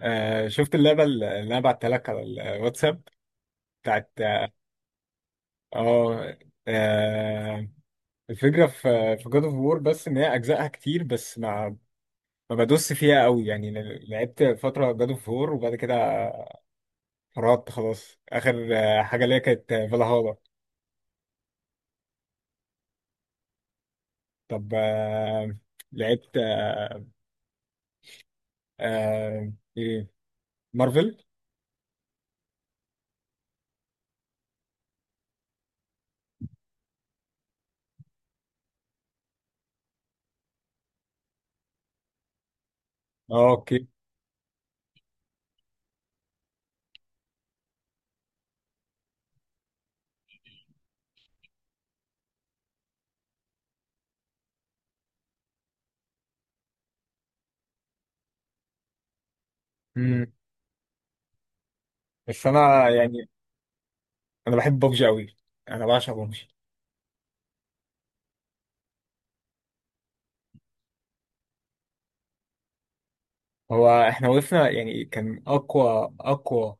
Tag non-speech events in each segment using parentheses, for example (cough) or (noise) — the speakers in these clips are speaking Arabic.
شفت اللعبة اللي انا بعتها لك على الواتساب بتاعت اه آه، الفكرة في جاد اوف وور، بس ان هي اجزائها كتير، بس ما بدوس فيها قوي. يعني لعبت فترة جاد اوف وور وبعد كده فرطت. خلاص، اخر حاجة ليا كانت فالهالا. طب آه، لعبت، ايه، مارفل. اه، اوكي. مم. بس انا يعني انا بحب ببجي قوي، انا بعشق ببجي. هو احنا وقفنا، يعني كان اقوى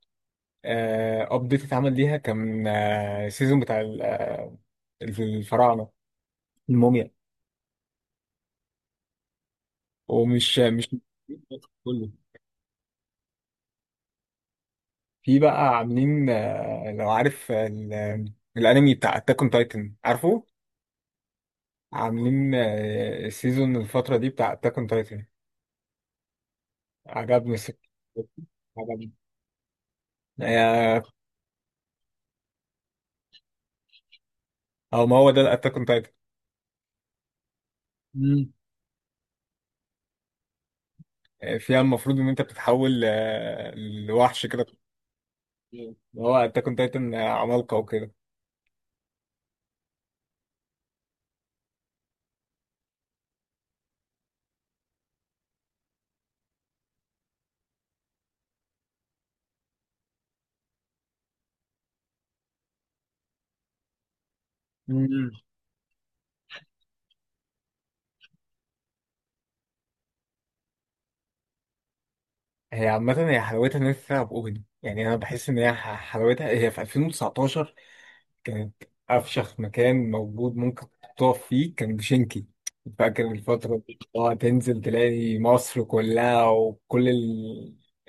ابديت اتعمل ليها، كان السيزون بتاع الفراعنه. الموميا. ومش مش كله. في بقى عاملين، لو عارف، الانمي بتاع اتاك اون تايتن، عارفه. عاملين سيزون الفتره دي بتاع اتاك اون تايتن، عجبني عجبني آه، او ما هو ده الاتاك اون تايتن. مم. فيها المفروض ان انت بتتحول لوحش كده. مم. هو انت كنت قلت ان عمالقه وكده. مم. هي عامة، هي حلاوتها إن أنت تلعب أوبن. يعني أنا بحس إن هي حلاوتها هي في 2019، كانت أفشخ مكان موجود ممكن تقف فيه كان بشنكي. فاكر الفترة دي، تنزل تلاقي مصر كلها وكل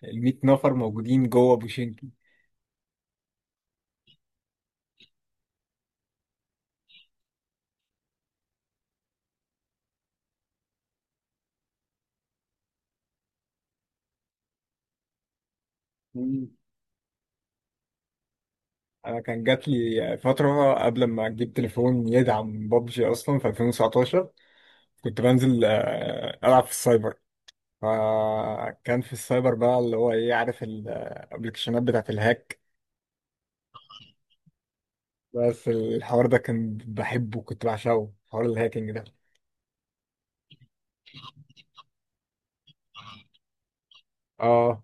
ال 100 نفر موجودين جوه بوشنكي. مم. أنا كان جات لي فترة قبل ما أجيب تليفون يدعم بابجي أصلا في 2019. كنت بنزل ألعب في السايبر. فكان في السايبر بقى اللي هو ايه، عارف الابلكيشنات بتاعت الهاك؟ بس الحوار ده كان بحبه، كنت بعشقه، حوار الهاكينج ده. اه.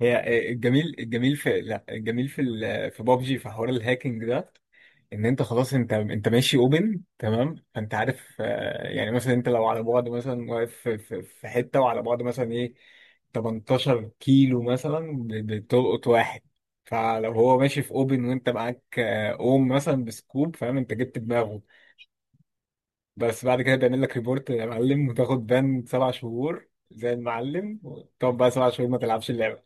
هي الجميل في، لا، الجميل في بابجي، في حوار الهاكينج ده، ان انت خلاص، انت ماشي اوبن، تمام؟ فانت عارف يعني مثلا انت لو على بعد، مثلا واقف في حته، وعلى بعد مثلا ايه 18 كيلو مثلا، بتلقط واحد. فلو هو ماشي في اوبن وانت معاك آه، اوم مثلا بسكوب، فاهم؟ انت جبت دماغه. بس بعد كده بيعمل لك ريبورت يا معلم، وتاخد بان 7 شهور زي المعلم، وتقعد بقى 7 شهور ما تلعبش اللعبه.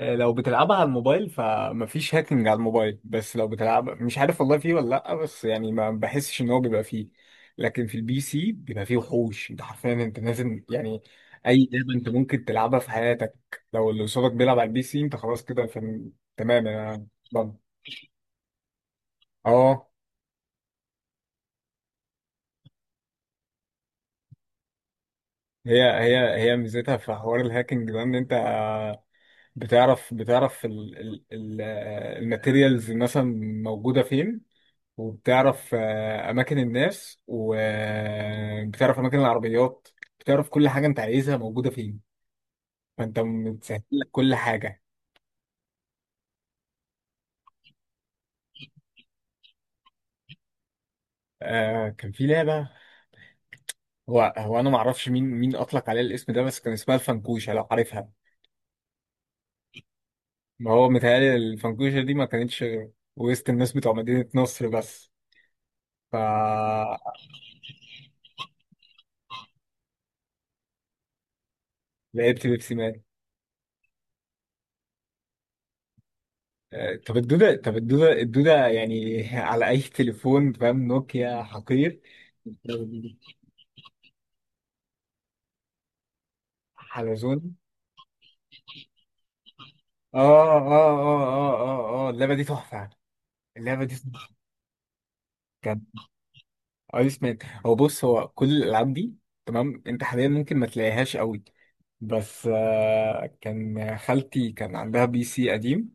لو بتلعبها على الموبايل فمفيش هاكينج على الموبايل. بس لو بتلعب، مش عارف والله فيه ولا لأ، بس يعني ما بحسش ان هو بيبقى فيه. لكن في البي سي بيبقى فيه وحوش، انت حرفيا انت لازم يعني، اي لعبة انت ممكن تلعبها في حياتك، لو اللي قصادك بيلعب على البي سي، انت خلاص كده تمام، انا ضامن. اه. هي ميزتها في حوار الهاكينج ده، ان انت بتعرف ال... ال... ال... آه، الماتيريالز مثلا موجودة فين. وبتعرف أماكن الناس، وبتعرف أماكن العربيات، بتعرف كل حاجة أنت عايزها موجودة فين. فأنت متسهل لك كل حاجة. كان في لعبة، هو أنا معرفش مين أطلق عليها الاسم ده، بس كان اسمها الفنكوشة، لو عارفها. ما هو متهيألي الفنكوشة دي ما كانتش غير وسط الناس بتوع مدينة نصر بس، فلعبت. بيبسي مان. طب الدودة يعني (laughs) على أي تليفون، فاهم؟ نوكيا حقير. حلزون. اه، اه، اه، اه، اه، اه، اللعبه دي تحفه يعني. اللعبه دي تحفه. كان ايس مان. هو بص، هو كل الالعاب دي، تمام، انت حاليا ممكن ما تلاقيهاش قوي. بس كان خالتي كان عندها بي سي قديم،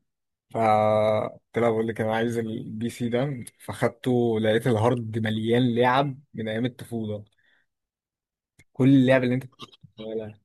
ف قلت لها بقول لك انا عايز البي سي ده، فاخدته، لقيت الهارد مليان لعب من ايام الطفوله، كل اللعب اللي انت تتخيلها.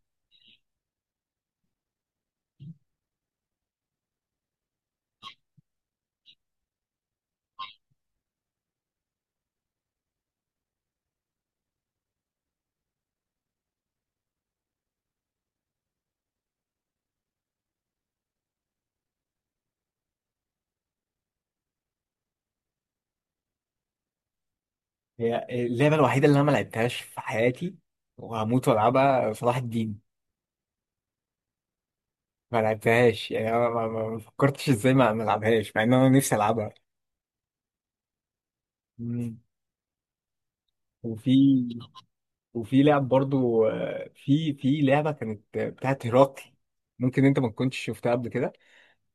هي اللعبه الوحيده اللي انا ما لعبتهاش في حياتي وهموت والعبها، صلاح الدين. ما لعبتهاش يعني، انا ما فكرتش ازاي ما العبهاش، مع ان انا نفسي العبها. مم. وفي وفي لعب برضو في لعبه كانت بتاعت هيراقي. ممكن انت ما تكونش شفتها قبل كده.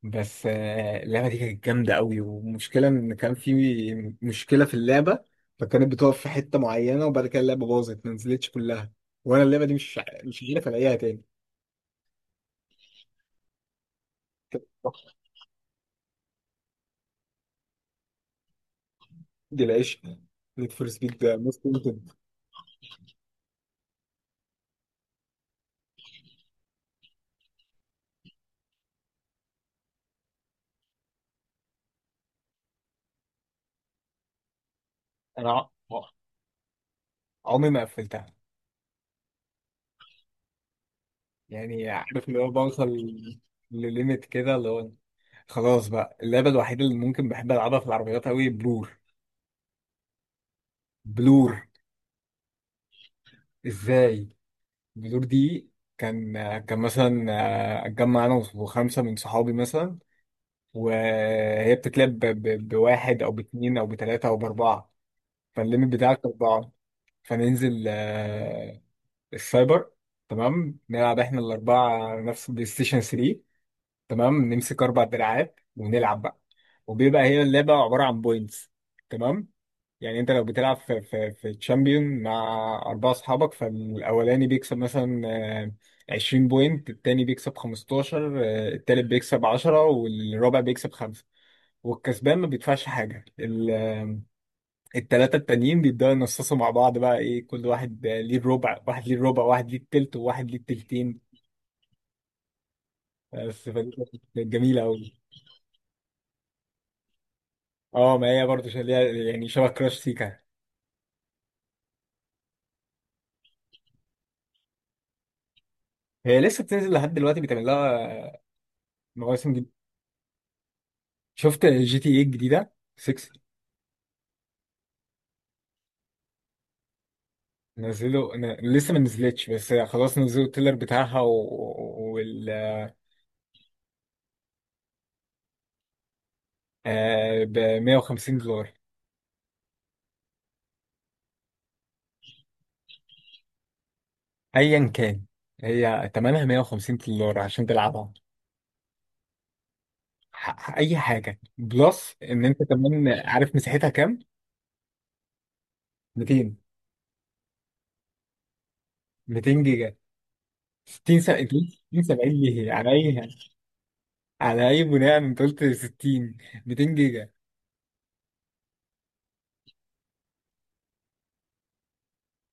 بس اللعبه دي كانت جامده قوي، والمشكله ان كان في مشكله في اللعبه. فكانت بتقف في حته معينه، وبعد كده اللعبه باظت، ما نزلتش كلها، وانا اللعبه دي مش عارف الاقيها تاني. دي العيش، نيد فور سبيد موست وانتد. انا عمري ما قفلتها، يعني عارف اللي هو بوصل لليميت كده، اللي هو خلاص بقى. اللعبة الوحيدة اللي ممكن بحب ألعبها في العربيات أوي، بلور. بلور. إزاي؟ بلور دي كان كان مثلا أتجمع أنا وخمسة من صحابي مثلا، وهي بتتلعب بواحد أو باتنين أو بتلاتة أو بأربعة. فالليميت بتاعك أربعة. فننزل السايبر، تمام. نلعب احنا الأربعة نفس البلاي ستيشن 3، تمام، نمسك اربع دراعات ونلعب بقى. وبيبقى هي اللعبه عباره عن بوينتس، تمام. يعني انت لو بتلعب في تشامبيون مع اربعه اصحابك، فالاولاني بيكسب مثلا 20 بوينت، التاني بيكسب 15، التالت بيكسب 10، والرابع بيكسب 5. والكسبان ما بيدفعش حاجه. التلاته التانيين بيبداوا ينصصوا مع بعض، بقى ايه كل واحد ليه الربع، واحد ليه الربع، واحد ليه التلت، وواحد ليه التلتين. بس فدي كانت جميله قوي. اه، ما هي برضه ليها، يعني شبه كراش سيكا. هي لسه بتنزل لحد دلوقتي، بيتعمل لها مواسم جديدة. شفت جي تي ايه الجديدة 6؟ نزلوا لسه ما نزلتش، بس خلاص نزلوا التيلر بتاعها و... وال ب $150. ايا كان، هي تمنها $150 عشان تلعبها. اي حاجة بلس. ان انت كمان عارف مساحتها كام؟ 200. 200 جيجا. 60، 70. 70 ليه؟ على اي، على اي بناء انت قلت 60؟ 200 جيجا.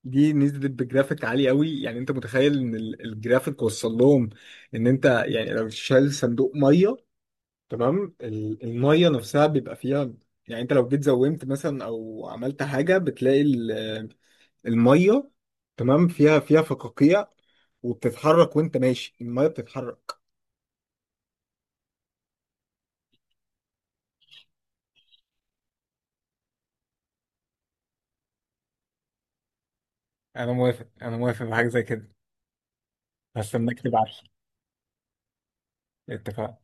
دي نزلت بجرافيك عالي قوي، يعني انت متخيل ان الجرافيك وصل لهم، ان انت يعني لو شايل صندوق ميه، تمام؟ الميه نفسها بيبقى فيها، يعني انت لو جيت زومت مثلا او عملت حاجه بتلاقي الميه، تمام، فيها فقاقيع، وبتتحرك وانت ماشي الميه بتتحرك. انا موافق، انا موافق بحاجه زي كده، هستناك تبعت لي. اتفقنا.